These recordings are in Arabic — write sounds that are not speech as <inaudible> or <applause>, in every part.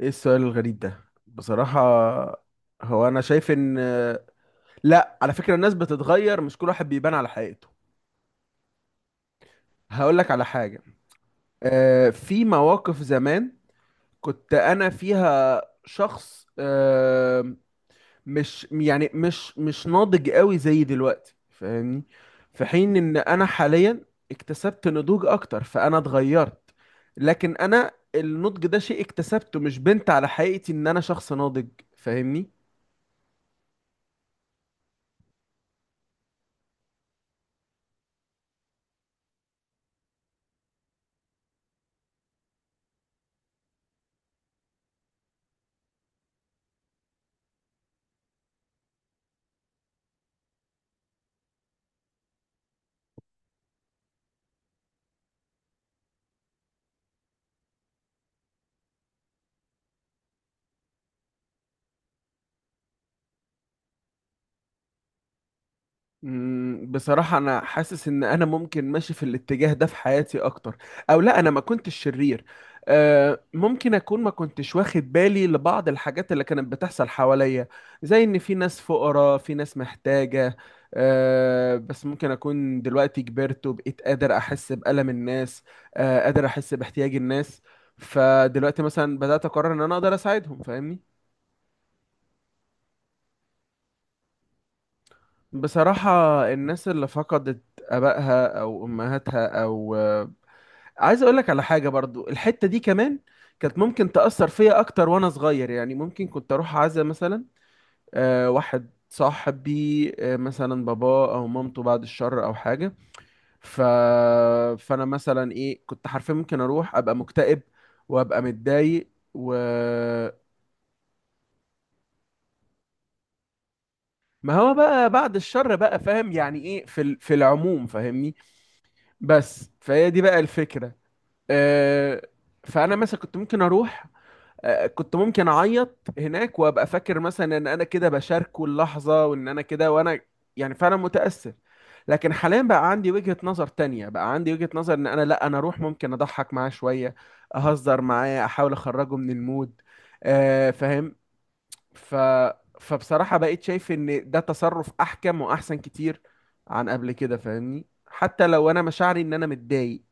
ايه السؤال الغريب ده بصراحة؟ هو انا شايف ان لا، على فكرة الناس بتتغير، مش كل واحد بيبان على حقيقته. هقول لك على حاجة. في مواقف زمان كنت انا فيها شخص، مش يعني مش ناضج قوي زي دلوقتي، فاهمني؟ في حين ان انا حاليا اكتسبت نضوج اكتر، فانا اتغيرت. لكن انا النضج ده شيء اكتسبته، مش بنت على حقيقتي ان انا شخص ناضج. فاهمني؟ بصراحة أنا حاسس إن أنا ممكن ماشي في الاتجاه ده في حياتي أكتر. أو لا، أنا ما كنتش شرير. ممكن أكون ما كنتش واخد بالي لبعض الحاجات اللي كانت بتحصل حواليا، زي إن في ناس فقراء، في ناس محتاجة. بس ممكن أكون دلوقتي كبرت وبقيت قادر أحس بألم الناس. قادر أحس باحتياج الناس. فدلوقتي مثلا بدأت أقرر إن أنا أقدر أساعدهم، فاهمني؟ بصراحة الناس اللي فقدت آبائها أو أمهاتها أو... عايز اقول لك على حاجه برضو، الحته دي كمان كانت ممكن تاثر فيا اكتر وانا صغير. يعني ممكن كنت اروح عزا مثلا، واحد صاحبي، مثلا بابا او مامته بعد الشر او حاجه. ف... فانا مثلا ايه كنت حرفيا ممكن اروح ابقى مكتئب، وابقى متضايق و... ما هو بقى بعد الشر بقى، فاهم يعني ايه، في العموم، فاهمني؟ بس فهي دي بقى الفكره. آه فانا مثلا كنت ممكن اروح، كنت ممكن اعيط هناك وابقى فاكر مثلا ان انا كده بشاركه اللحظه، وان انا كده، وانا يعني فعلا متاثر. لكن حاليا بقى عندي وجهه نظر تانية، بقى عندي وجهه نظر ان انا، لا، انا اروح ممكن اضحك معاه شويه. اهزر معاه، احاول اخرجه من المود. فاهم. ف فبصراحه بقيت شايف ان ده تصرف احكم واحسن كتير عن قبل كده، فاهمني؟ حتى لو انا مشاعري ان انا متضايق.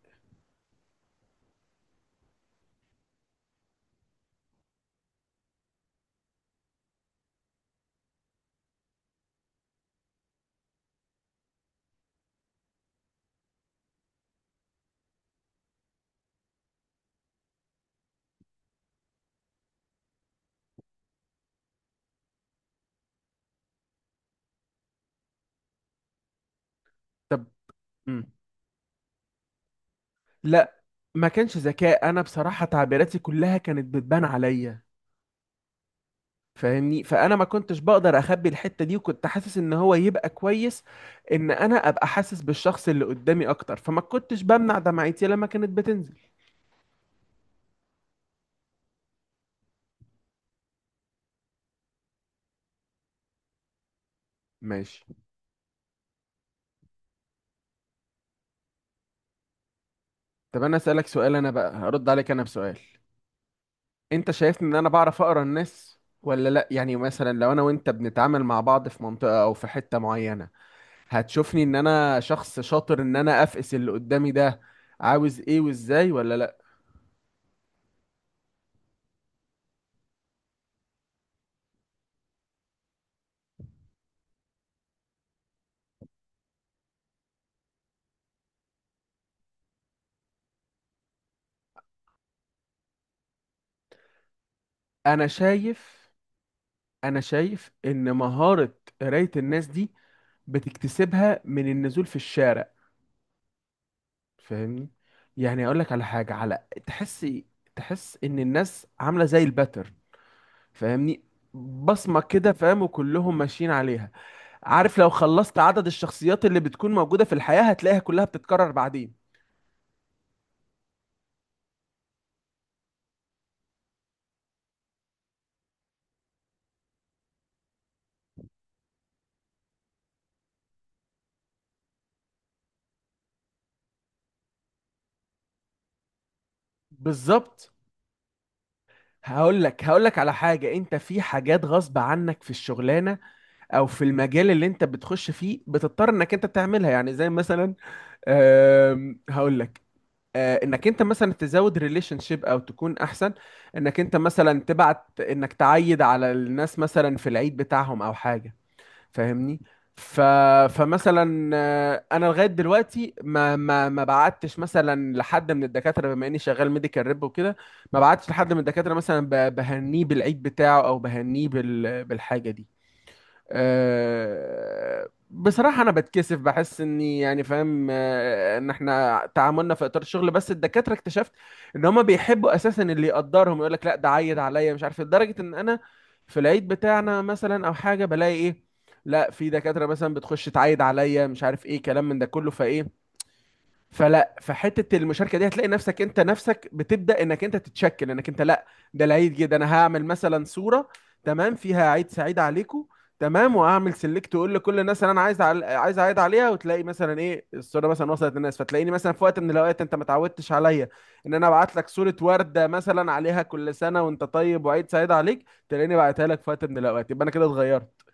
طب. مم. لا، ما كانش ذكاء، انا بصراحة تعبيراتي كلها كانت بتبان عليا. فاهمني؟ فانا ما كنتش بقدر اخبي الحتة دي، وكنت حاسس ان هو يبقى كويس ان انا ابقى حاسس بالشخص اللي قدامي اكتر، فما كنتش بمنع دمعتي لما كانت بتنزل. ماشي. طب انا اسالك سؤال، انا بقى هرد عليك انا بسؤال. انت شايفني ان انا بعرف اقرا الناس ولا لا؟ يعني مثلا لو انا وانت بنتعامل مع بعض في منطقة او في حتة معينة، هتشوفني ان انا شخص شاطر ان انا افقس اللي قدامي ده عاوز ايه وازاي ولا لا؟ انا شايف انا شايف ان مهارة قراية الناس دي بتكتسبها من النزول في الشارع، فاهمني؟ يعني اقول لك على حاجة، تحس، تحس ان الناس عاملة زي الباتر، فاهمني؟ بصمة كده، فاهم، وكلهم ماشيين عليها. عارف، لو خلصت عدد الشخصيات اللي بتكون موجودة في الحياة هتلاقيها كلها بتتكرر بعدين. بالظبط. هقول لك على حاجة، انت في حاجات غصب عنك في الشغلانة او في المجال اللي انت بتخش فيه بتضطر انك انت تعملها، يعني زي مثلا، هقول لك. انك انت مثلا تزود ريليشن شيب، او تكون احسن، انك انت مثلا تبعت، انك تعيد على الناس مثلا في العيد بتاعهم او حاجة، فاهمني؟ ف... فمثلا انا لغايه دلوقتي ما بعتش مثلا لحد من الدكاتره، بما اني شغال ميديكال ريب وكده. ما بعتش لحد من الدكاتره مثلا بهنيه بالعيد بتاعه، او بهنيه بالحاجه دي. بصراحة أنا بتكسف، بحس إني يعني فاهم، إن إحنا تعاملنا في إطار الشغل بس. الدكاترة اكتشفت إن هما بيحبوا أساسا اللي يقدرهم، يقول لك لا ده عيد عليا مش عارف إيه، لدرجة إن أنا في العيد بتاعنا مثلا أو حاجة بلاقي إيه، لا في دكاترة مثلا بتخش تعيد عليا مش عارف إيه كلام من ده كله، فإيه. فلا، فحته المشاركه دي هتلاقي نفسك انت نفسك بتبدا انك انت تتشكل انك انت لا، ده العيد جه، ده انا هعمل مثلا صوره تمام فيها عيد سعيد عليكم، تمام، واعمل سيلكت واقول لكل الناس اللي انا عايز عايز اعيد عليها. وتلاقي مثلا ايه الصوره مثلا وصلت للناس، فتلاقيني مثلا في وقت من الاوقات انت ما تعودتش عليا ان انا ابعت لك صوره ورده مثلا عليها كل سنه وانت طيب وعيد سعيد عليك، تلاقيني بعتها لك في وقت من الاوقات، يبقى انا كده اتغيرت.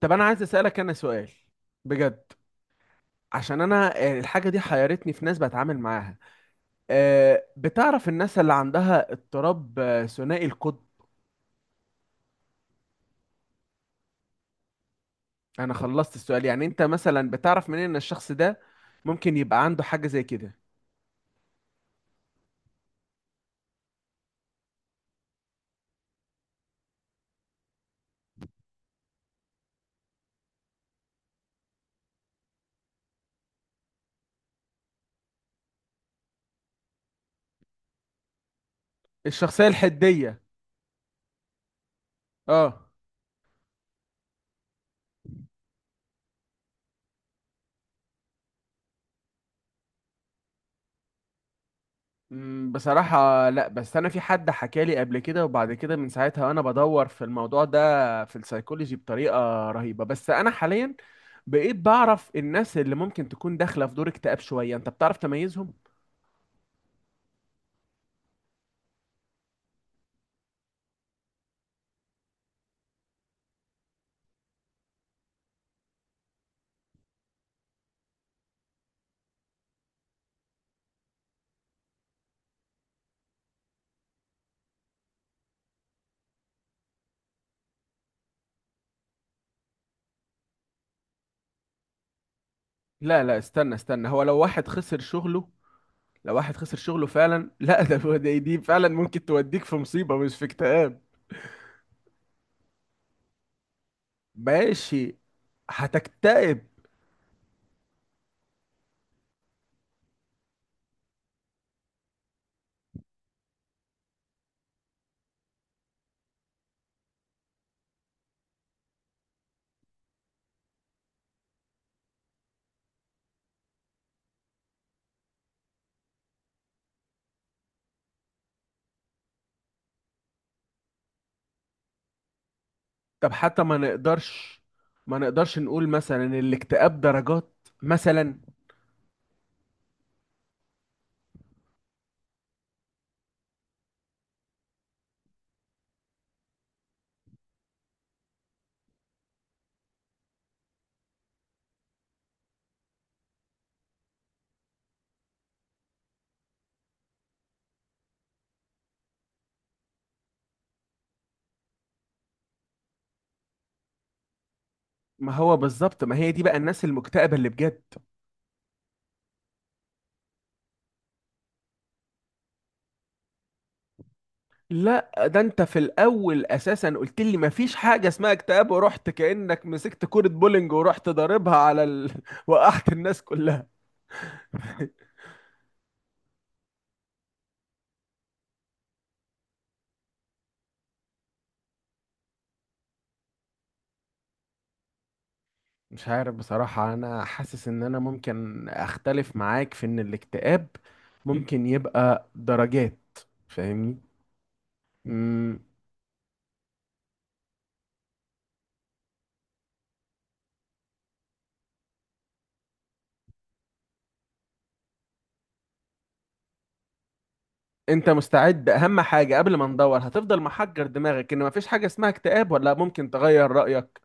طب انا عايز اسالك انا سؤال، بجد. عشان انا، الحاجه دي حيرتني في ناس بتعامل معاها. بتعرف الناس اللي عندها اضطراب ثنائي القطب؟ انا خلصت السؤال، يعني انت مثلا بتعرف منين ان الشخص ده ممكن يبقى عنده حاجة زي كده؟ الشخصية الحدية. اه. بصراحة لا، بس انا في حد حكالي قبل كده، وبعد كده من ساعتها وانا بدور في الموضوع ده في السايكولوجي بطريقة رهيبة. بس انا حاليا بقيت بعرف الناس اللي ممكن تكون داخلة في دور اكتئاب شوية، انت بتعرف تميزهم؟ لا لا، استنى استنى، هو لو واحد خسر شغله لو واحد خسر شغله فعلا <laughs> لا، دي فعلا ممكن توديك في مصيبة مش في اكتئاب. ماشي. هتكتئب. طب حتى ما نقدرش ما نقدرش نقول مثلا ان الاكتئاب درجات مثلا؟ ما هو بالظبط، ما هي دي بقى الناس المكتئبة اللي بجد. لا، ده انت في الاول اساسا قلت لي ما فيش حاجة اسمها اكتئاب، ورحت كأنك مسكت كورة بولينج ورحت ضاربها <laughs> وقعت الناس كلها. مش عارف بصراحة، أنا حاسس إن أنا ممكن أختلف معاك في إن الاكتئاب ممكن يبقى درجات. فاهمني؟ مم. أنت مستعد أهم حاجة قبل ما ندور هتفضل محجر دماغك إن مفيش حاجة اسمها اكتئاب، ولا ممكن تغير رأيك؟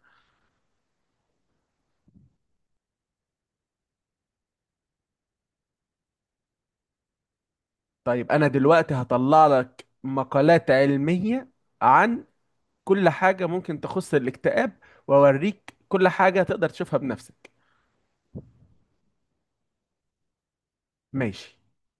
طيب، أنا دلوقتي هطلع لك مقالات علمية عن كل حاجة ممكن تخص الاكتئاب، وأوريك كل حاجة تقدر تشوفها بنفسك. ماشي.